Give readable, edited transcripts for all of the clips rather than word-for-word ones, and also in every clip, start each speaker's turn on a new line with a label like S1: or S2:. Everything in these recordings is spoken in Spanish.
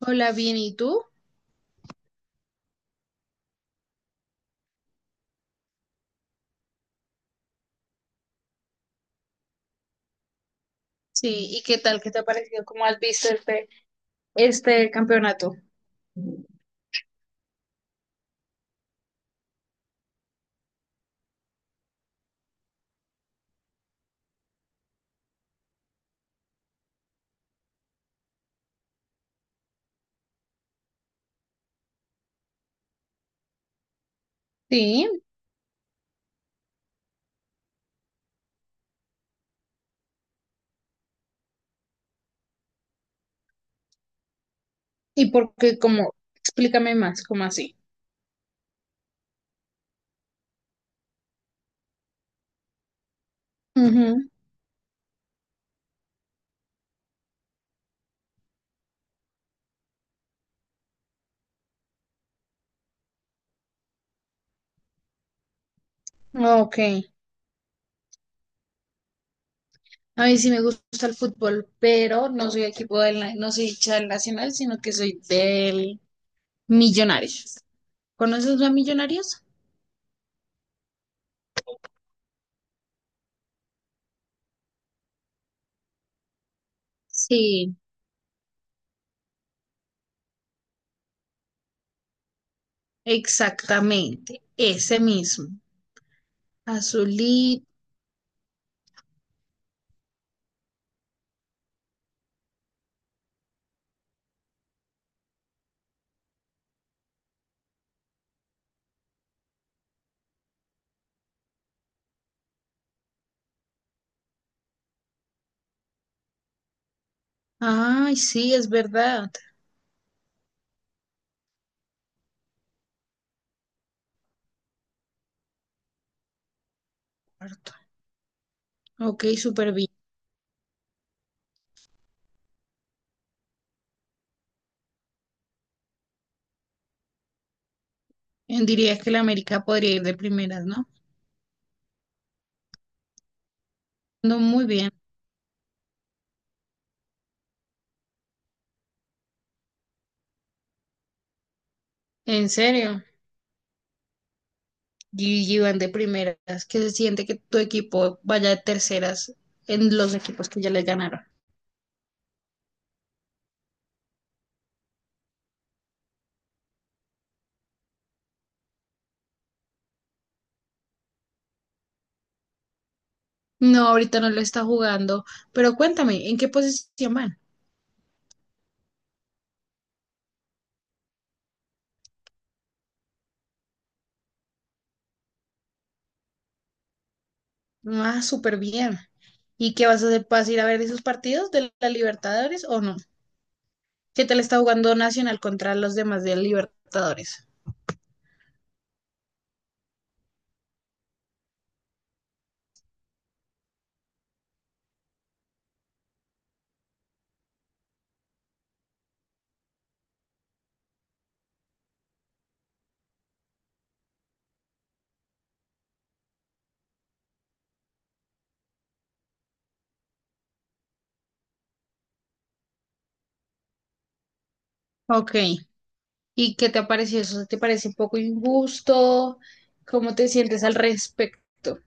S1: Hola, bien, ¿y tú? Sí, ¿y qué tal? ¿Qué te ha parecido? ¿Cómo has visto el pe? Sí, ¿y por qué? ¿Cómo? Explícame más, ¿cómo así? Ujú. Ok. A mí sí me gusta el fútbol, pero no soy equipo del, na- no soy hincha del Nacional, sino que soy del Millonarios. ¿Conoces a Millonarios? Sí. Exactamente, ese mismo. Azulí. Ay, sí, es verdad. Harto. Ok, súper bien. Dirías que la América podría ir de primeras, ¿no? No, muy bien, ¿en serio? Y van de primeras, ¿que se siente que tu equipo vaya de terceras en los equipos que ya les ganaron? No, ahorita no lo está jugando, pero cuéntame, ¿en qué posición van? Ah, súper bien. ¿Y qué vas a hacer? ¿Vas a ir a ver esos partidos de la Libertadores o no? ¿Qué tal está jugando Nacional contra los demás de la Libertadores? Ok, ¿y qué te ha parecido eso? ¿Te parece un poco injusto? ¿Cómo te sientes al respecto?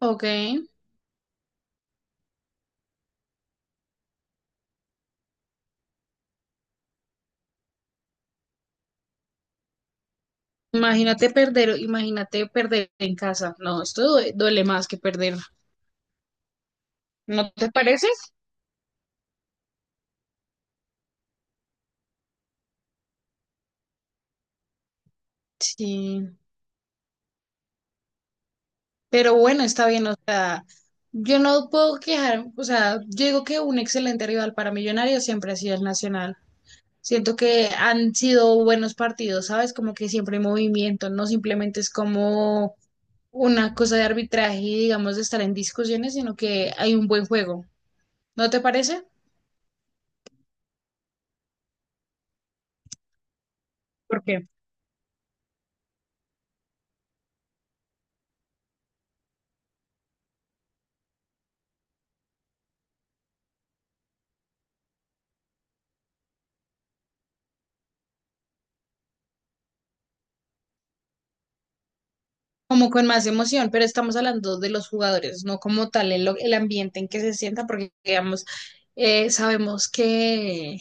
S1: Ok. Imagínate perder en casa. No, esto due- duele más que perder. ¿No te parece? Sí. Pero bueno, está bien. O sea, yo no puedo quejar. O sea, yo digo que un excelente rival para Millonarios siempre ha sido el Nacional. Siento que han sido buenos partidos, ¿sabes? Como que siempre hay movimiento. No simplemente es como una cosa de arbitraje y digamos de estar en discusiones, sino que hay un buen juego. ¿No te parece? ¿Por qué? Como con más emoción, pero estamos hablando de los jugadores, no como tal el ambiente en que se sienta, porque digamos, sabemos que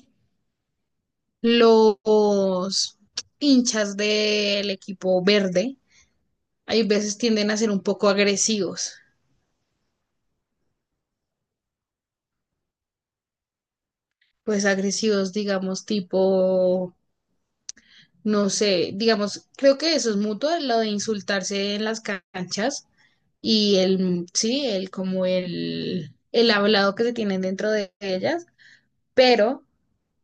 S1: los hinchas del equipo verde hay veces tienden a ser un poco agresivos, pues agresivos, digamos, tipo, no sé, digamos, creo que eso es mutuo, lo de insultarse en las canchas y el, sí, el hablado que se tienen dentro de ellas, pero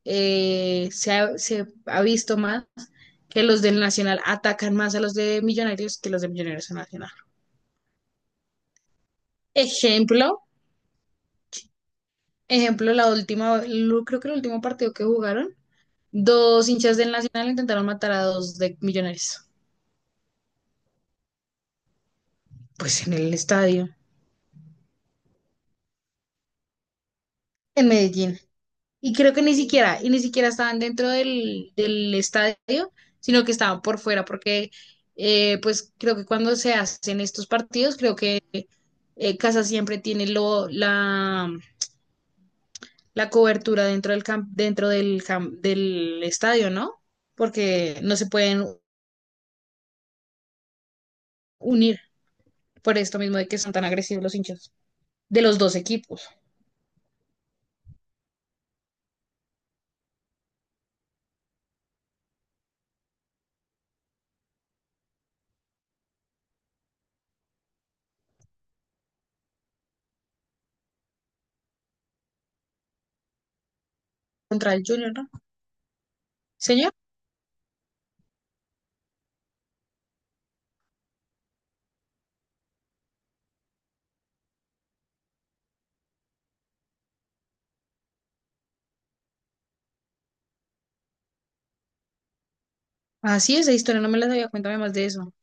S1: se ha visto más que los del Nacional atacan más a los de Millonarios que los de Millonarios a Nacional. Ejemplo, ejemplo, la última, lo- creo que el último partido que jugaron, dos hinchas del Nacional intentaron matar a dos de Millonarios, pues en el estadio, en Medellín. Y creo que ni siquiera, y ni siquiera estaban dentro del estadio, sino que estaban por fuera, porque pues creo que cuando se hacen estos partidos, creo que Casa siempre tiene la cobertura dentro del camp- del estadio, ¿no? Porque no se pueden unir por esto mismo de que son tan agresivos los hinchas de los dos equipos contra el Junior, ¿no? Señor, así es, esa historia no me la sabía, cuéntame más de eso.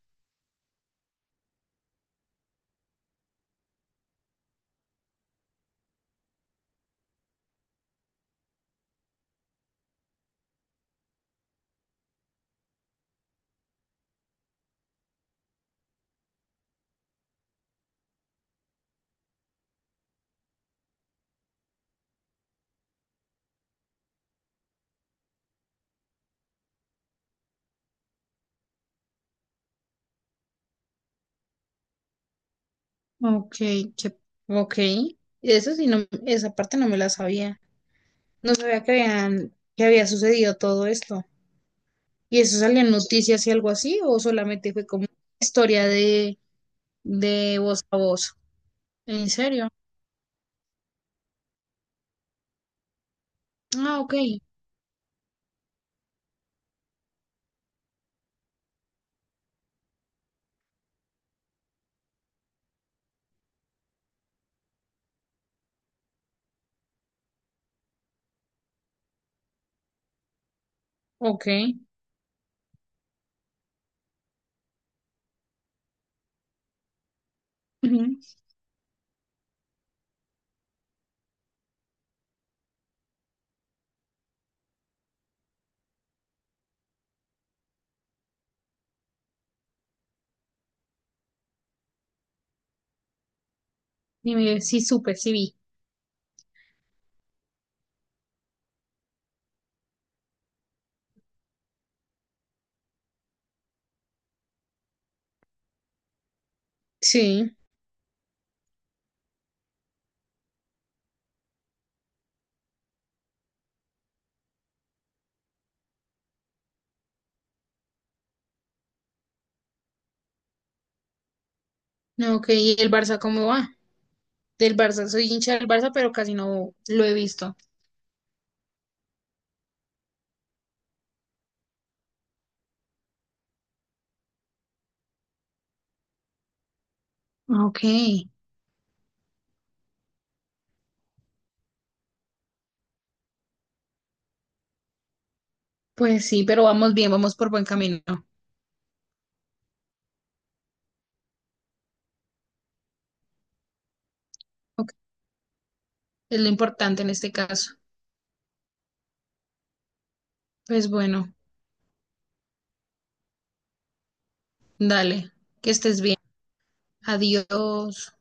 S1: Ok, qué- ok. Eso sí, no, esa parte no me la sabía. No sabía que habían, que había sucedido todo esto. ¿Y eso salió en noticias y algo así? ¿O solamente fue como historia de voz a voz? ¿En serio? Ah, ok, ok. Ujú. Dime, sí supe, sí vi. Sí. No, ok, ¿y el Barça cómo va? Del Barça, soy hincha del Barça, pero casi no lo he visto. Ok, pues sí, pero vamos bien, vamos por buen camino. Ok, es lo importante en este caso. Pues bueno, dale, que estés bien. Adiós.